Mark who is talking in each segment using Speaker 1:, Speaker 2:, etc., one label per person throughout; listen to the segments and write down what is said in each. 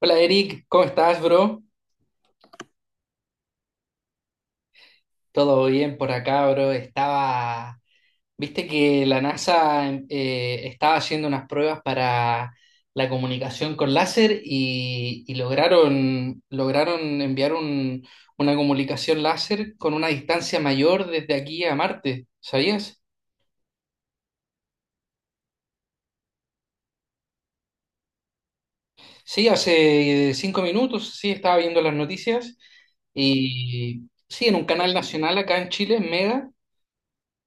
Speaker 1: Hola Eric, ¿cómo estás, bro? Todo bien por acá, bro. Estaba, viste que la NASA estaba haciendo unas pruebas para la comunicación con láser y lograron enviar una comunicación láser con una distancia mayor desde aquí a Marte, ¿sabías? Sí, hace cinco minutos, sí, estaba viendo las noticias y sí, en un canal nacional acá en Chile, en Mega.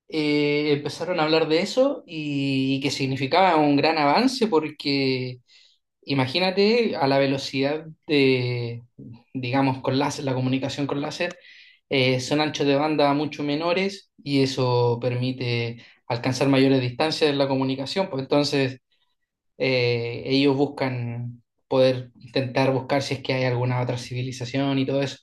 Speaker 1: Empezaron a hablar de eso y que significaba un gran avance porque imagínate a la velocidad de, digamos, con láser, la comunicación con láser, son anchos de banda mucho menores y eso permite alcanzar mayores distancias en la comunicación, pues entonces ellos buscan poder intentar buscar si es que hay alguna otra civilización y todo eso.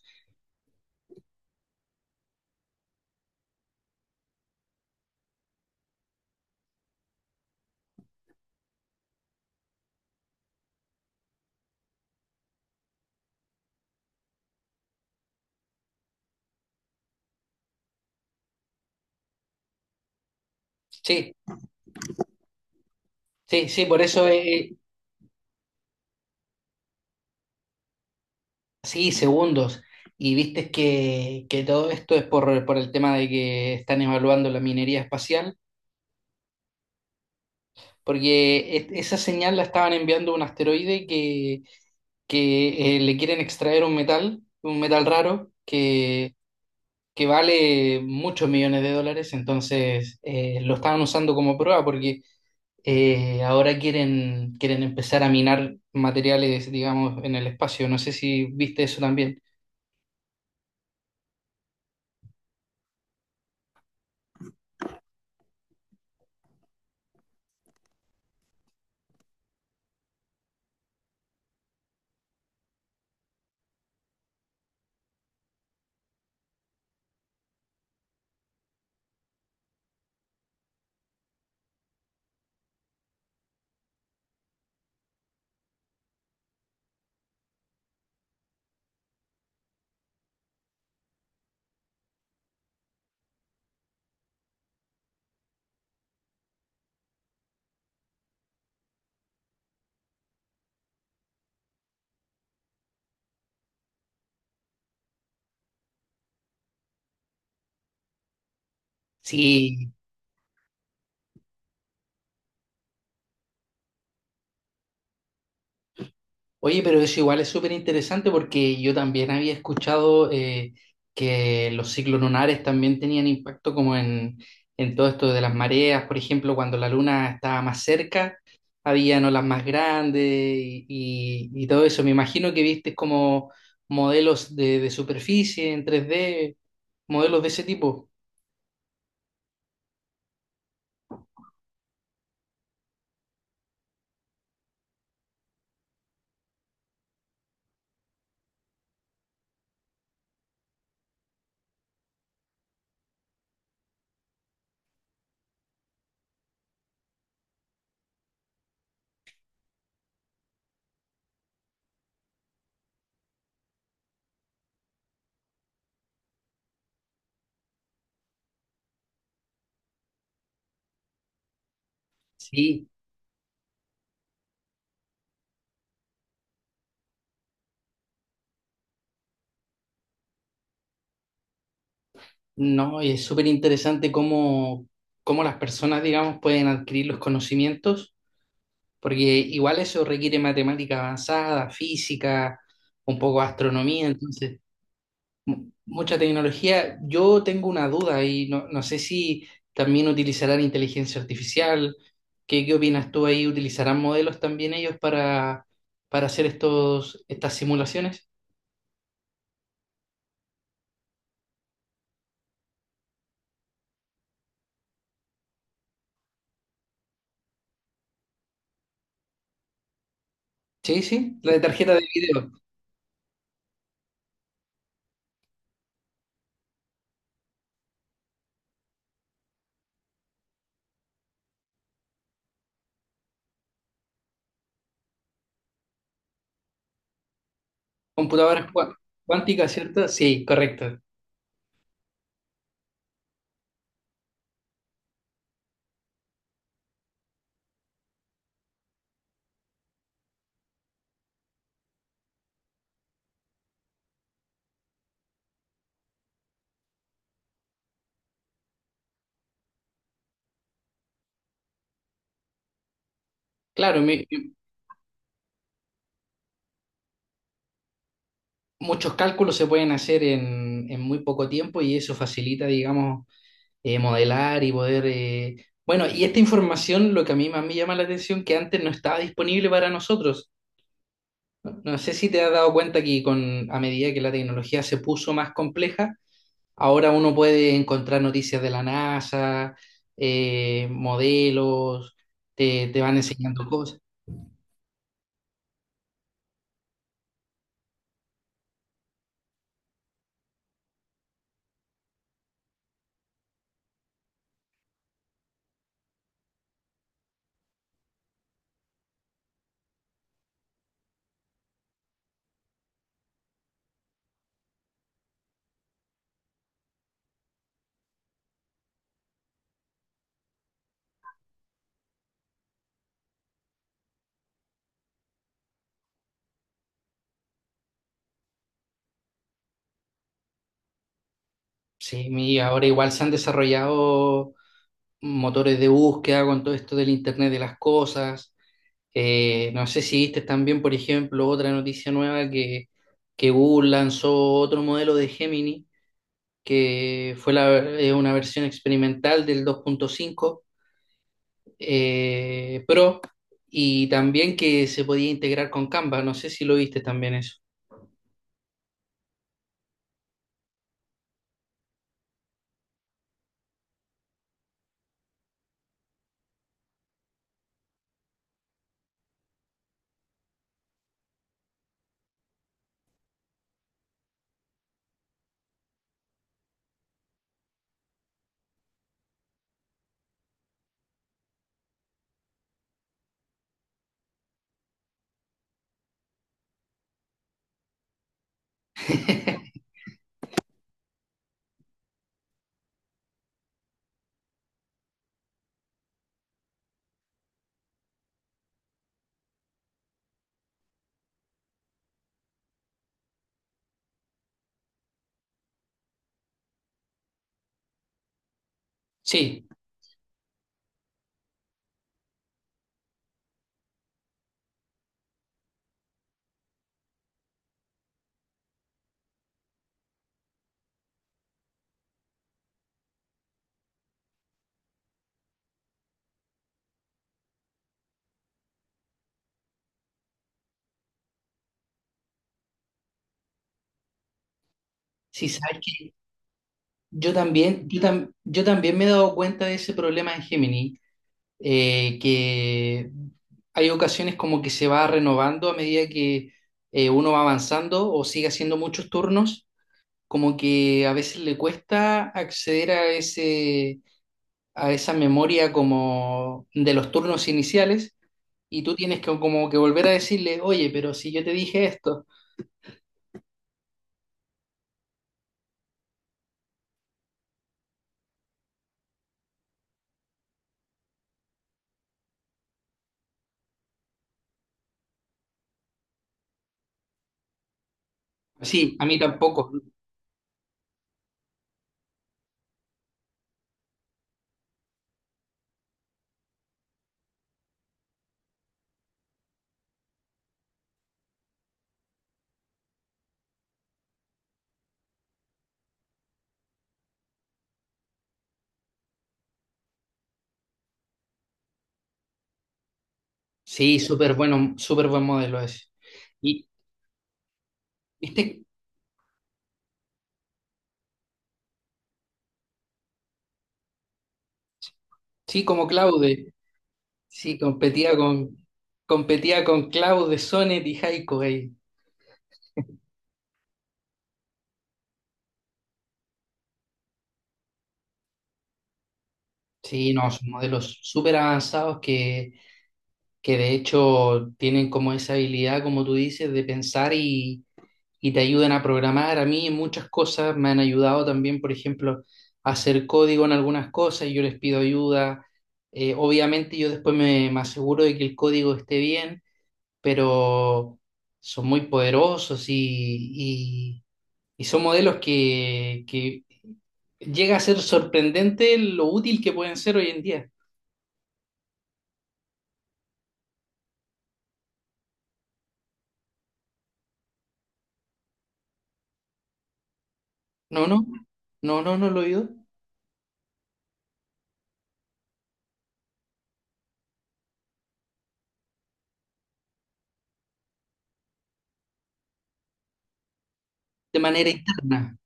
Speaker 1: Sí, sí, sí, por eso es. Sí, segundos. Y viste que todo esto es por el tema de que están evaluando la minería espacial, porque esa señal la estaban enviando a un asteroide que le quieren extraer un metal raro, que vale muchos millones de dólares. Entonces lo estaban usando como prueba porque ahora quieren, quieren empezar a minar materiales, digamos, en el espacio. No sé si viste eso también. Sí. Oye, pero eso igual es súper interesante porque yo también había escuchado que los ciclos lunares también tenían impacto como en todo esto de las mareas, por ejemplo, cuando la luna estaba más cerca, habían olas más grandes y todo eso. Me imagino que viste como modelos de superficie en tres d, modelos de ese tipo. Sí, no, y es súper interesante cómo, cómo las personas, digamos, pueden adquirir los conocimientos porque igual eso requiere matemática avanzada, física, un poco de astronomía, entonces mucha tecnología. Yo tengo una duda y no, no sé si también utilizarán inteligencia artificial. ¿Qué, qué opinas tú ahí? ¿Utilizarán modelos también ellos para hacer estos, estas simulaciones? Sí, sí, la de tarjeta de video, computadoras cuánticas, ¿cierto? Sí, correcto. Claro, muchos cálculos se pueden hacer en muy poco tiempo y eso facilita, digamos, modelar y poder... Bueno, y esta información, lo que a mí más me llama la atención, que antes no estaba disponible para nosotros. No sé si te has dado cuenta que con, a medida que la tecnología se puso más compleja, ahora uno puede encontrar noticias de la NASA, modelos, te van enseñando cosas. Sí, y ahora igual se han desarrollado motores de búsqueda con todo esto del Internet de las cosas. No sé si viste también, por ejemplo, otra noticia nueva que Google lanzó otro modelo de Gemini, que fue una versión experimental del 2.5 Pro, y también que se podía integrar con Canva. No sé si lo viste también eso. Sí, sí, sabes que yo también, yo también me he dado cuenta de ese problema en Gemini, que hay ocasiones como que se va renovando a medida que uno va avanzando o sigue haciendo muchos turnos, como que a veces le cuesta acceder a ese, a esa memoria como de los turnos iniciales y tú tienes que como que volver a decirle, oye, pero si yo te dije esto. Sí, a mí tampoco. Sí, súper bueno, súper buen modelo ese. Y, viste, sí, como Claude. Sí, competía con Cloud de Sonnet y Haiku ahí. Sí, no, son modelos súper avanzados que de hecho tienen como esa habilidad, como tú dices, de pensar y te ayudan a programar. A mí en muchas cosas me han ayudado también, por ejemplo, a hacer código en algunas cosas y yo les pido ayuda. Obviamente yo después me, me aseguro de que el código esté bien, pero son muy poderosos y- y son modelos que llega a ser sorprendente lo útil que pueden ser hoy en día. No, no, no, no, no lo he oído. De manera interna.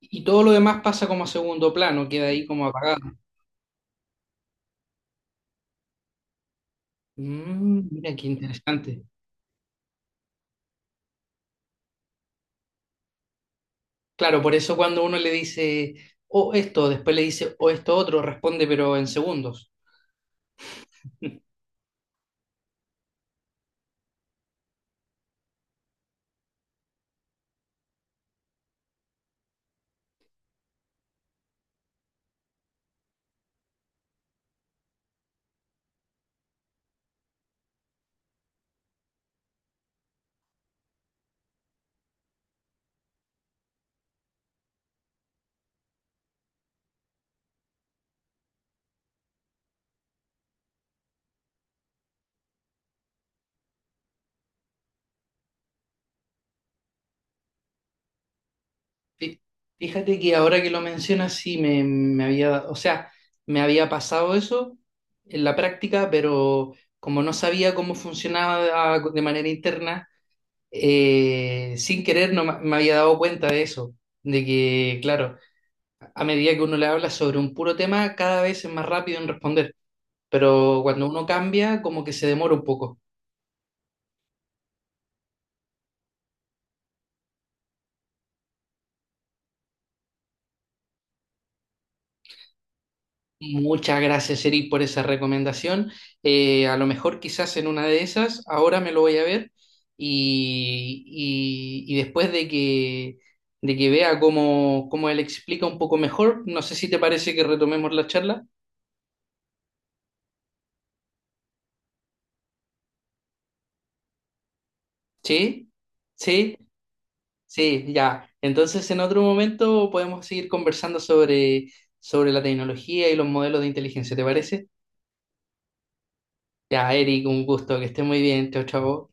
Speaker 1: Y todo lo demás pasa como a segundo plano, queda ahí como apagado. Mm, mira qué interesante. Claro, por eso cuando uno le dice o esto, después le dice o esto otro, responde pero en segundos. Fí- Fíjate que ahora que lo mencionas, sí me había, o sea, me había pasado eso en la práctica, pero como no sabía cómo funcionaba de manera interna, sin querer no ma- me había dado cuenta de eso, de que, claro, a medida que uno le habla sobre un puro tema, cada vez es más rápido en responder, pero cuando uno cambia, como que se demora un poco. Muchas gracias, Eric, por esa recomendación. A lo mejor quizás en una de esas, ahora me lo voy a ver y después de que vea cómo, cómo él explica un poco mejor, no sé si te parece que retomemos la charla. ¿Sí? ¿Sí? Sí, ya. Entonces, en otro momento podemos seguir conversando sobre, sobre la tecnología y los modelos de inteligencia, ¿te parece? Ya, Eric, un gusto, que estés muy bien. Chao, chao.